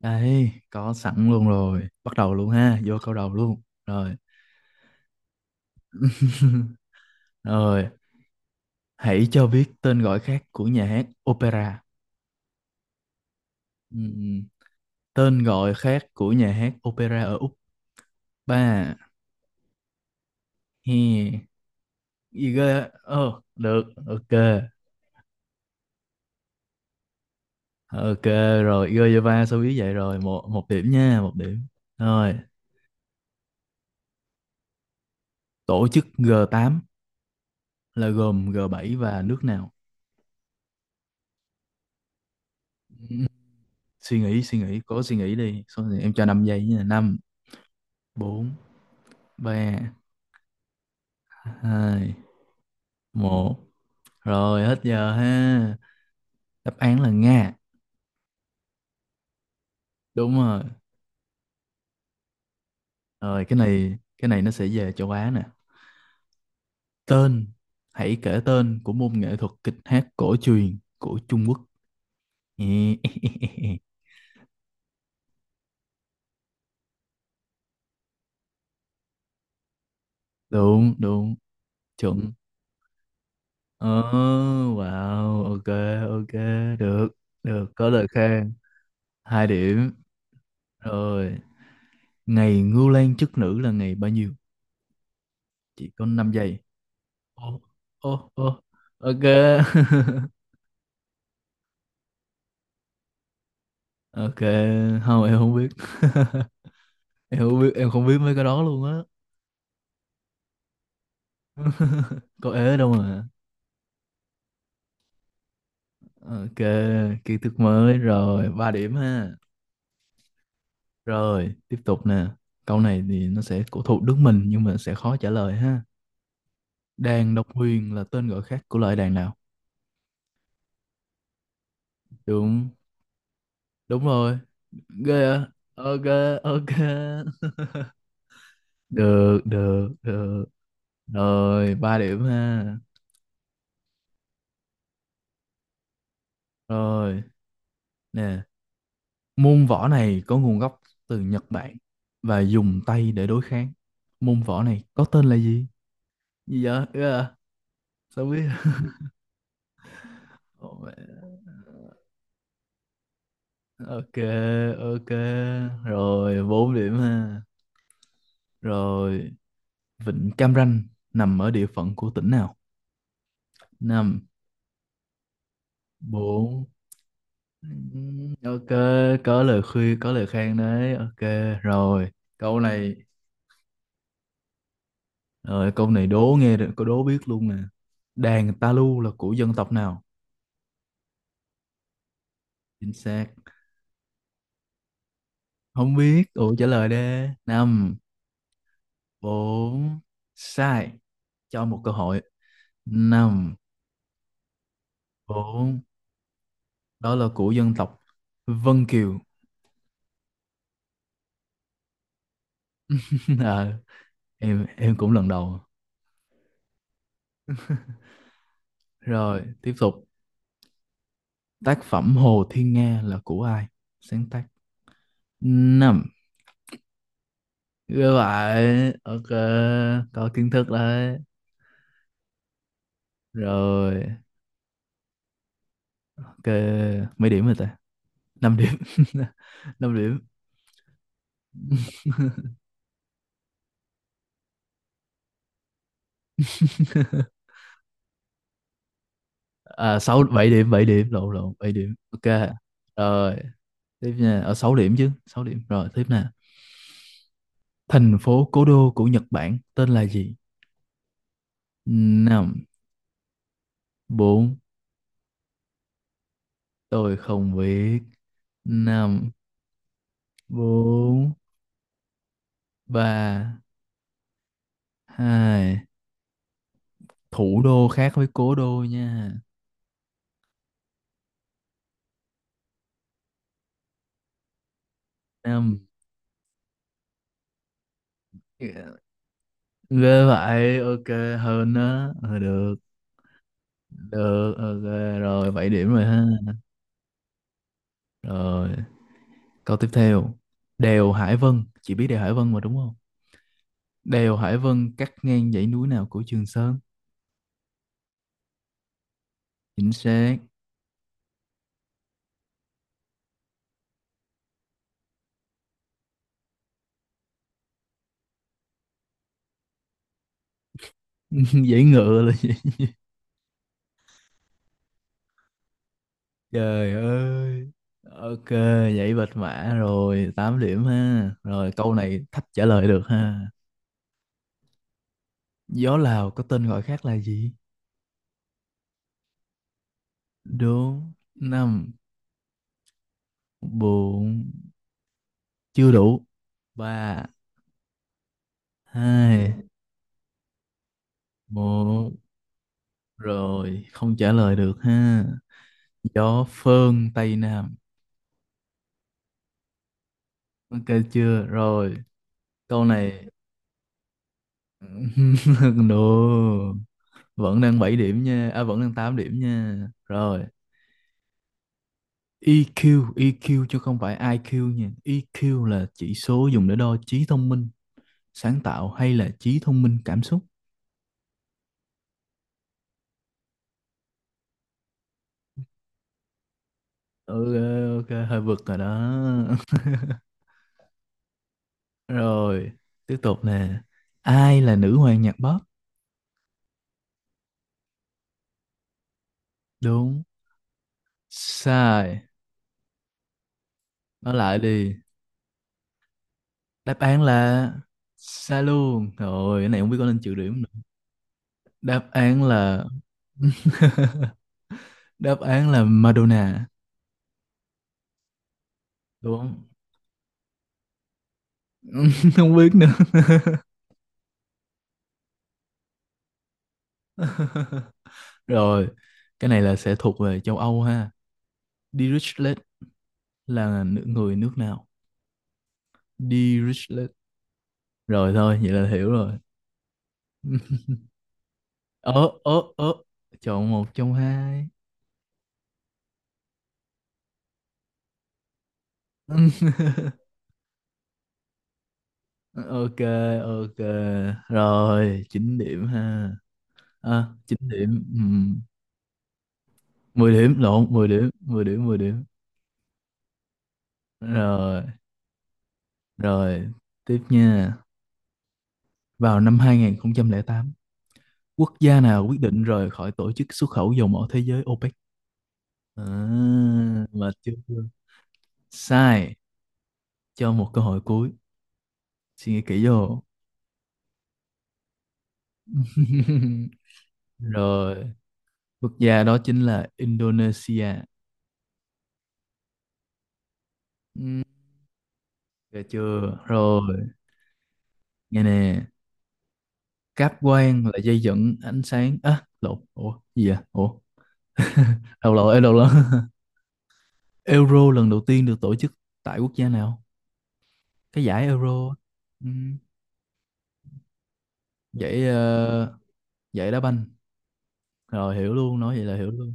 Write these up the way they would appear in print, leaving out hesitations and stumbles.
Đây, có sẵn luôn rồi. Bắt đầu luôn ha, vô câu đầu luôn. Rồi. Rồi, hãy cho biết tên gọi khác của nhà hát opera. Ừm, Tên gọi khác của nhà hát opera ở Úc. Ba. He. Gì ghê? Ờ, được. Ok. Ok rồi, Gojava số biết vậy rồi, một một điểm nha, một điểm. Rồi, tổ chức G8 là gồm G7 và nước nào? Ừm, suy nghĩ, cố suy nghĩ đi. Số này em cho 5 giây nha. Năm, bốn, ba, hai, một. Rồi hết giờ ha. Đáp án là Nga. Đúng rồi. Rồi, cái này nó sẽ về châu Á nè. Tên hãy kể tên của môn nghệ thuật kịch hát cổ truyền của Trung Quốc. Đúng, đúng, chuẩn. Ờ, wow. Ok, ok. Được, được có lời khen. 2 điểm. Rồi, ngày Ngưu Lang chức nữ là ngày bao nhiêu? Chỉ có 5 giây. Ô, ô, ô. Ok. Ok. Không, em không biết. Em không biết, em không biết mấy cái đó luôn á. Có ế đâu mà. Ok, kiến thức mới rồi. 3 điểm ha. Rồi tiếp tục nè. Câu này thì nó sẽ thuộc nước mình nhưng mà sẽ khó trả lời ha. Đàn độc huyền là tên gọi khác của loại đàn nào? Đúng, đúng rồi. Ghê à? Ok, ok. Được, được, được. Rồi, ba điểm ha. Rồi nè. Môn võ này có nguồn gốc từ Nhật Bản và dùng tay để đối kháng. Môn võ này có tên là gì? Gì vậy? Yeah, sao biết? Ồ, mẹ. Ok, ok. Rồi, 4 điểm ha. Rồi, Vịnh Cam Ranh nằm ở địa phận của tỉnh nào? 5, 4. Ok, có lời khuyên, có lời khen đấy. Ok, rồi. Câu này, rồi câu này đố nghe được, có đố biết luôn nè. Đàn ta lu là của dân tộc nào? Chính xác. Không biết, ủa trả lời đi. Năm, bốn. Sai. Cho một cơ hội. Năm, bốn. Đó là của dân tộc Vân Kiều. Ờ, em cũng lần đầu. Rồi tiếp tục. Tác phẩm Hồ Thiên Nga là của ai sáng tác? Năm. Như vậy ok. Có kiến thức đấy. Rồi. Ok, mấy điểm rồi ta? 5 điểm. 5 điểm. À, sáu 7 điểm, 7 điểm, lộn, lộn, 7 điểm. Ok. Rồi tiếp nha. Ở 6 điểm chứ, 6 điểm. Rồi tiếp nè. Thành phố cố đô của Nhật Bản tên là gì? Năm, bốn. Tôi không biết. Năm, bốn, ba, hai. Thủ đô khác với cố đô nha. Năm. Ghê vậy, ok. Hơn đó. Ờ, được. Được, ok. Rồi, 7 điểm rồi ha. Rồi câu tiếp theo. Đèo Hải Vân, chị biết đèo Hải Vân mà đúng không? Đèo Hải Vân cắt ngang dãy núi nào của Trường Sơn? Chính xác. Dãy ngựa là gì? Trời ơi. Ok, dãy bạch mã. Rồi 8 điểm ha. Rồi câu này thách trả lời được ha. Gió Lào có tên gọi khác là gì? Đúng. Năm, bốn. Chưa đủ. Ba, hai, một. Rồi không trả lời được ha. Gió phơn tây nam. Ok chưa? Rồi câu này. No, vẫn đang 7 điểm nha. À, vẫn đang 8 điểm nha. Rồi, EQ, EQ chứ không phải IQ nha. EQ là chỉ số dùng để đo trí thông minh, sáng tạo hay là trí thông minh cảm xúc. Ừ, ok, hơi vượt rồi đó. Rồi, tiếp tục nè. Ai là nữ hoàng nhạc pop? Đúng. Sai. Nói lại đi. Đáp án là sai luôn. Rồi, cái này không biết có nên trừ điểm nữa. Đáp án là đáp án là Madonna. Đúng. Không biết nữa. Rồi, cái này là sẽ thuộc về châu Âu ha. Dirichlet là người nước nào? Dirichlet. Rồi thôi, vậy là hiểu rồi. Ớ, ớ, ớ. Chọn một trong hai. Ok, ok. Rồi, 9 điểm ha. À, 9 điểm. Ừ. 10 điểm, lộn, 10 điểm, 10 điểm, 10 điểm. Rồi, rồi. Tiếp nha. Vào năm 2008, quốc gia nào quyết định rời khỏi tổ chức xuất khẩu dầu mỏ thế giới OPEC? À, mà chưa. Sai. Cho một cơ hội cuối. Suy nghĩ kỹ vô. Rồi, quốc gia đó chính là Indonesia. Ừm, được chưa rồi. Nghe nè, cáp quang là dây dẫn ánh sáng á, lộn, ủa gì vậy ủa. Đầu lộn, ê, đầu lộn. Euro lần đầu tiên được tổ chức tại quốc gia nào? Cái giải Euro. Ừm, giải giải đá banh. Rồi hiểu luôn, nói vậy là hiểu luôn.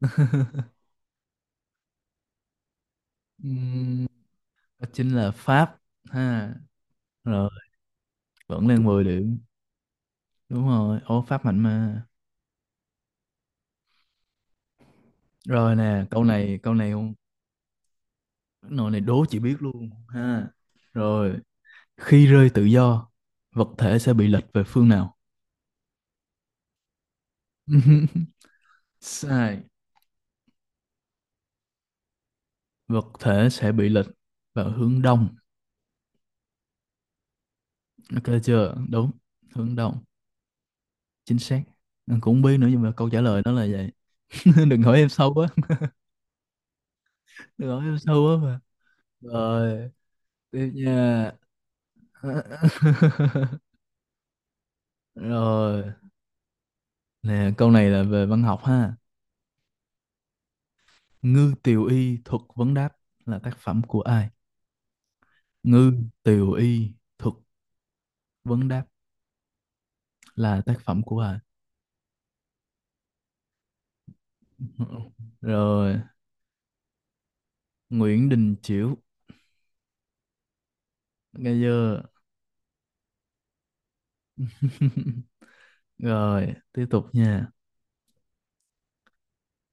Ừm, đó chính là Pháp ha. Rồi vẫn lên 10 điểm đúng rồi ô Pháp mạnh mà rồi nè, câu này không, nội này đố chị biết luôn ha. Rồi, khi rơi tự do, vật thể sẽ bị lệch về phương nào? Sai. Vật thể sẽ bị lệch vào hướng đông. Ok chưa? Đúng, hướng đông chính xác. Anh cũng không biết nữa nhưng mà câu trả lời nó là vậy. Đừng hỏi em sâu quá. Đừng hỏi em sâu quá mà. Rồi tiếp nha. Rồi, nè, câu này là về văn học ha. Ngư Tiều Y thuật vấn đáp là tác phẩm của ai? Ngư Tiều Y thuật vấn đáp là tác phẩm của ai? Rồi, Nguyễn Đình Chiểu. Nghe chưa? Rồi, tiếp tục nha.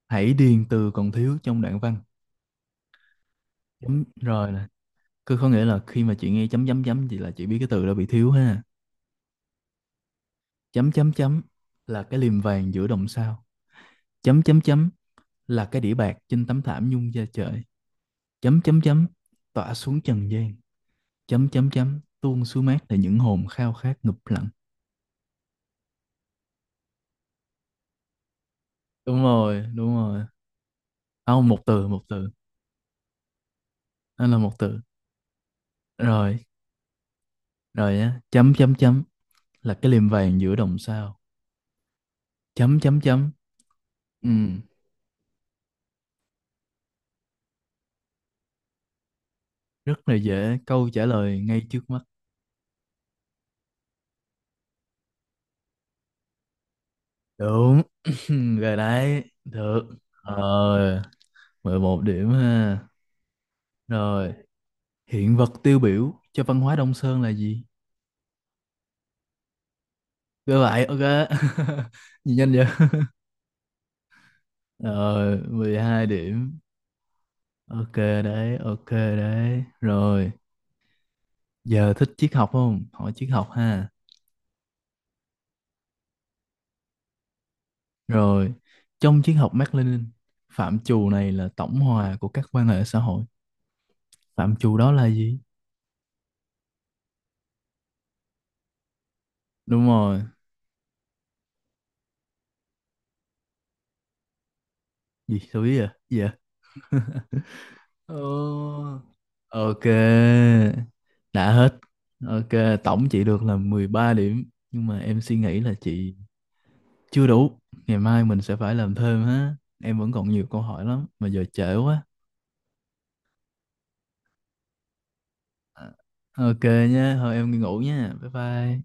Hãy điền từ còn thiếu trong đoạn văn. Chấm, rồi nè. Cứ có nghĩa là khi mà chị nghe chấm chấm chấm thì là chị biết cái từ đó bị thiếu ha. Chấm chấm chấm là cái liềm vàng giữa đồng sao. Chấm chấm chấm là cái đĩa bạc trên tấm thảm nhung da trời. Chấm chấm chấm tỏa xuống trần gian. Chấm chấm chấm tuôn xuống mát để những hồn khao khát ngụp lặn. Đúng rồi, đúng rồi. Không, một từ, một từ. Đó là một từ. Rồi, rồi á. Chấm chấm chấm là cái liềm vàng giữa đồng sao. Chấm chấm chấm, ừ. Rất là dễ, câu trả lời ngay trước mắt. Đúng. Rồi đấy, được. Rồi, 11 điểm ha. Rồi, hiện vật tiêu biểu cho văn hóa Đông Sơn là gì? Ghê vậy, ok. Nhìn nhanh vậy. Rồi, 12 điểm. Ok đấy, ok đấy. Rồi, giờ thích triết học không? Hỏi triết học ha. Rồi, trong triết học Mác Lênin, phạm trù này là tổng hòa của các quan hệ xã hội. Phạm trù đó là gì? Đúng rồi. Gì? Sao biết vậy? Gì vậy? Ồ. Ok. Đã hết. Ok, tổng chị được là 13 điểm. Nhưng mà em suy nghĩ là chị chưa đủ. Ngày mai mình sẽ phải làm thêm ha. Em vẫn còn nhiều câu hỏi lắm, mà giờ trễ quá. À, ok nhé, thôi em đi ngủ nha. Bye bye.